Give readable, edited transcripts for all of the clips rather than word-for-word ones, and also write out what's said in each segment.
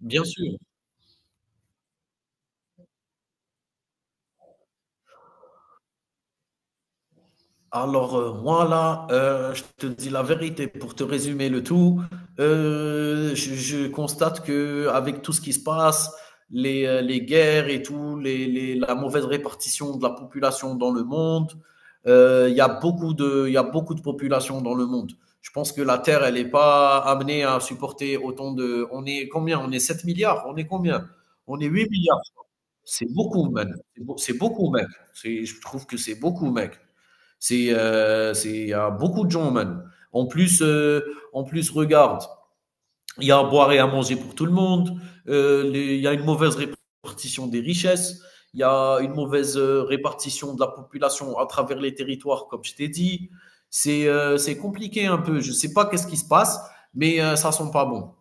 Bien sûr. Alors, moi, là, je te dis la vérité pour te résumer le tout. Je constate que avec tout ce qui se passe, les guerres et tout, la mauvaise répartition de la population dans le monde, il y a beaucoup de, il y a beaucoup de population dans le monde. Je pense que la Terre, elle n'est pas amenée à supporter autant de. On est combien? On est 7 milliards? On est combien? On est 8 milliards. C'est beaucoup, mec. C'est beaucoup, mec. Je trouve que c'est beaucoup, mec. C'est il y a beaucoup de gens man. En plus regarde, il y a à boire et à manger pour tout le monde. Il y a une mauvaise répartition des richesses. Il y a une mauvaise répartition de la population à travers les territoires, comme je t'ai dit. C'est compliqué un peu. Je sais pas qu'est-ce qui se passe, mais ça sent pas bon.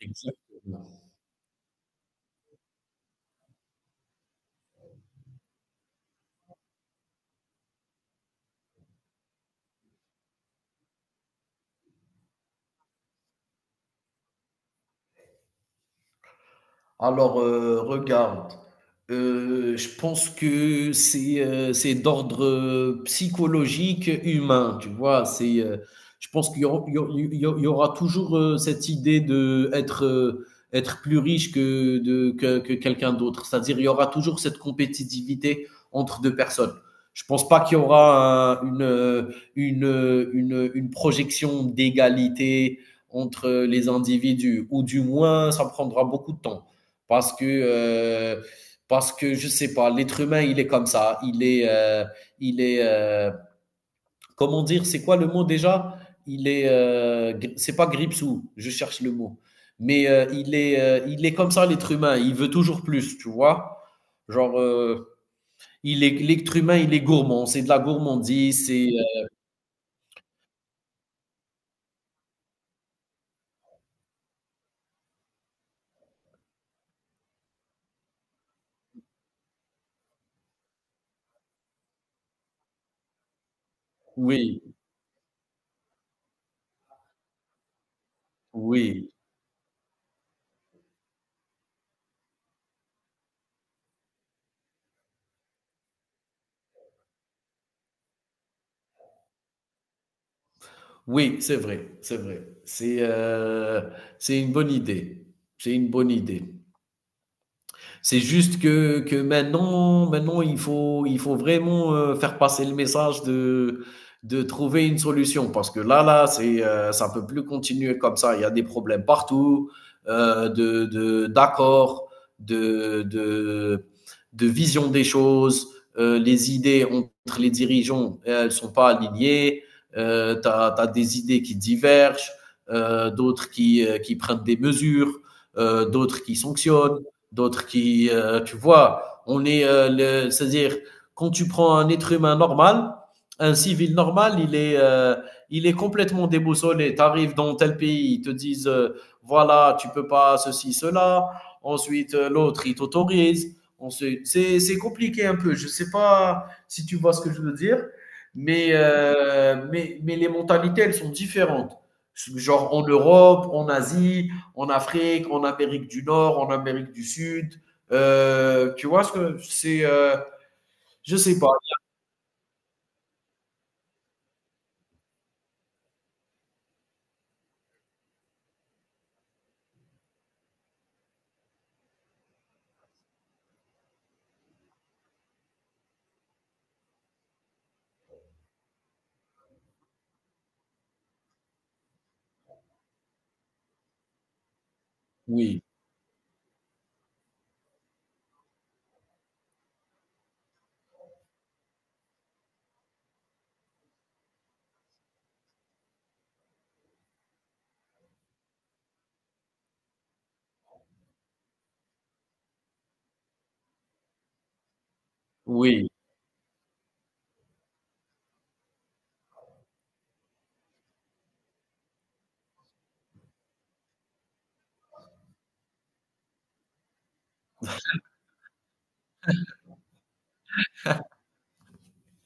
Exactement. Alors, regarde, je pense que c'est d'ordre, psychologique, humain, tu vois? Je pense qu'il y aura il y au il y au il y aura toujours, cette idée d'être, être plus riche que de que quelqu'un d'autre. C'est-à-dire, il y aura toujours cette compétitivité entre 2 personnes. Je pense pas qu'il y aura un une projection d'égalité entre les individus ou du moins ça prendra beaucoup de temps. Parce que, euh, parce que je ne sais pas, l'être humain, il est comme ça. Il est, euh, Comment dire, c'est quoi le mot déjà? C'est pas gripsou, je cherche le mot. Mais il est comme ça, l'être humain. Il veut toujours plus, tu vois? Genre, l'être humain, il est gourmand. C'est de la gourmandise. Oui, oui, oui, c'est vrai, c'est vrai. C'est une bonne idée. C'est une bonne idée. C'est juste que maintenant il faut vraiment faire passer le message de trouver une solution parce que là, là, ça ne peut plus continuer comme ça. Il y a des problèmes partout, d'accord, de, de, de vision des choses. Les idées entre les dirigeants, elles ne sont pas alignées. Tu as, des idées qui divergent, d'autres qui prennent des mesures, d'autres qui sanctionnent d'autres tu vois, on est, c'est-à-dire, quand tu prends un être humain normal, un civil normal, il est complètement déboussolé. Tu arrives dans tel pays, ils te disent, voilà, tu peux pas ceci, cela. Ensuite, l'autre, il t'autorise. Ensuite, c'est compliqué un peu. Je sais pas si tu vois ce que je veux dire, mais les mentalités, elles sont différentes. Genre en Europe, en Asie, en Afrique, en Amérique du Nord, en Amérique du Sud. Tu vois ce que c'est je sais pas. Oui, oui.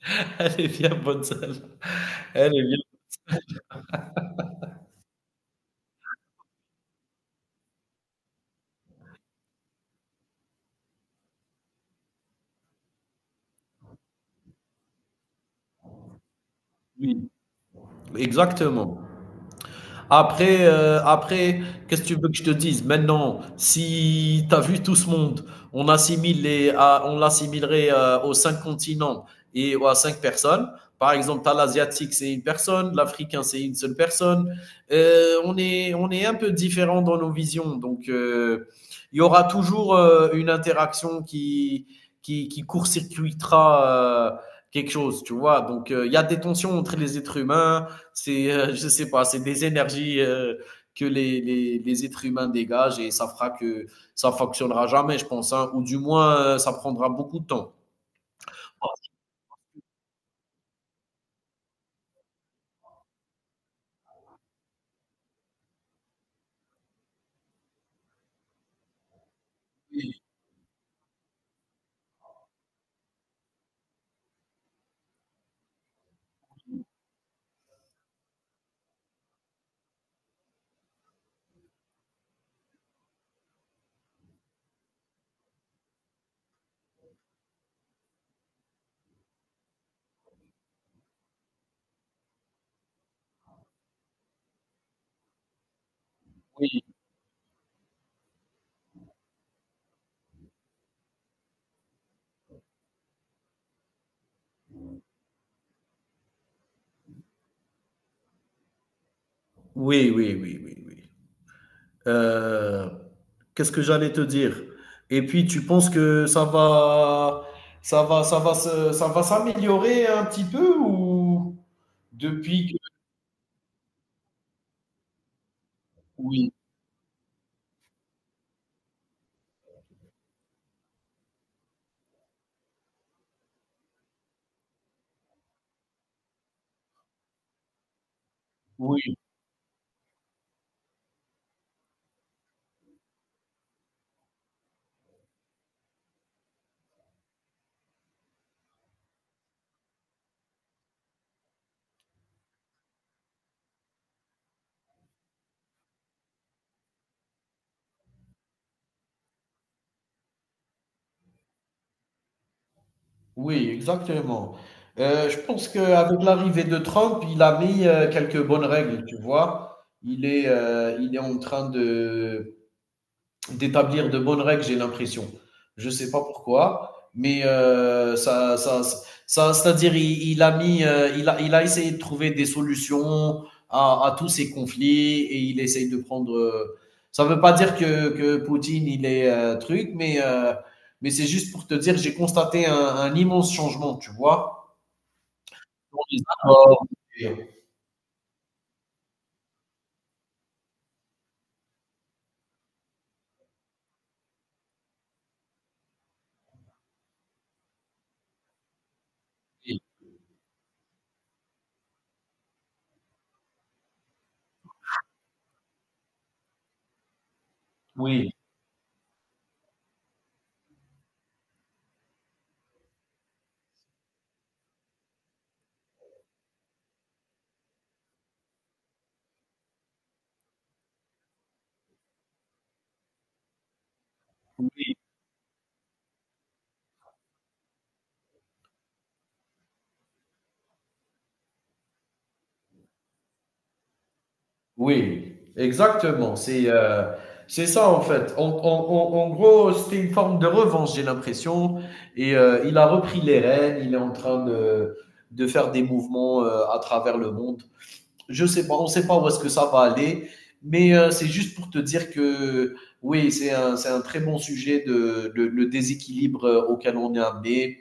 Elle est bien bonne celle. Elle est bien. Oui, exactement. Après, qu'est-ce que tu veux que je te dise? Maintenant, si tu as vu tout ce monde, on assimile les, à- on l'assimilerait aux cinq continents et à cinq personnes. Par exemple, t'as l'asiatique, c'est une personne, l'africain, c'est une seule personne. On est un peu différent dans nos visions, donc il y aura toujours une interaction qui court-circuitera quelque chose, tu vois. Donc, il y a des tensions entre les êtres humains. Je sais pas, c'est des énergies que les êtres humains dégagent et ça fera que ça fonctionnera jamais, je pense, hein, ou du moins ça prendra beaucoup de temps. Oui, oui, oui, oui, oui, oui. Oui. Euh, Qu'est-ce que j'allais te dire? Et puis, tu penses que ça va s'améliorer un petit peu ou depuis que... Oui, oui. Oui, exactement. Je pense qu'avec l'arrivée de Trump, il a mis quelques bonnes règles, tu vois. Il est en train d'établir de bonnes règles, j'ai l'impression. Je sais pas pourquoi, mais c'est-à-dire il a mis, il a essayé de trouver des solutions à tous ces conflits et il essaye de prendre. Ça veut pas dire que Poutine il est truc, mais c'est juste pour te dire, j'ai constaté un immense changement, tu vois. Dans les accords. Et- et- oui. Oui. Oui, exactement. C'est ça en fait. En gros, c'était une forme de revanche, j'ai l'impression. Et il a repris les rênes. Il est en train de faire des mouvements à travers le monde. Je sais pas, on sait pas où est-ce que ça va aller, mais c'est juste pour te dire que oui, c'est un très bon sujet le déséquilibre auquel on est amené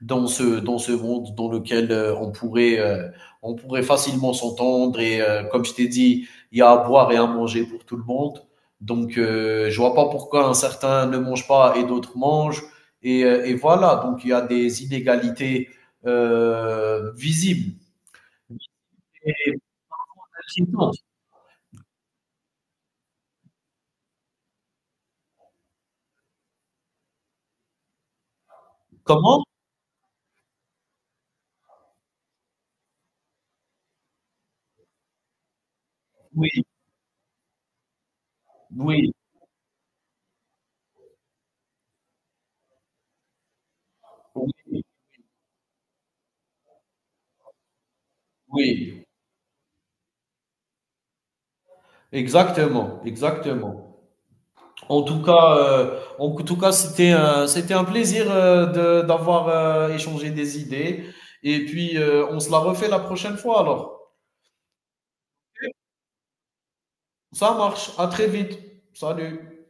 dans ce monde dans lequel on pourrait facilement s'entendre et comme je t'ai dit, il y a à boire et à manger pour tout le monde. Donc je vois pas pourquoi un certain ne mange pas et d'autres mangent et voilà, donc il y a des inégalités visibles et pertinentes. Comment? Oui, oui, oui, oui. Exactement, exactement. En tout cas, c'était un plaisir d'avoir échangé des idées. Et puis, on se la refait la prochaine fois alors. Ça marche. À très vite. Salut.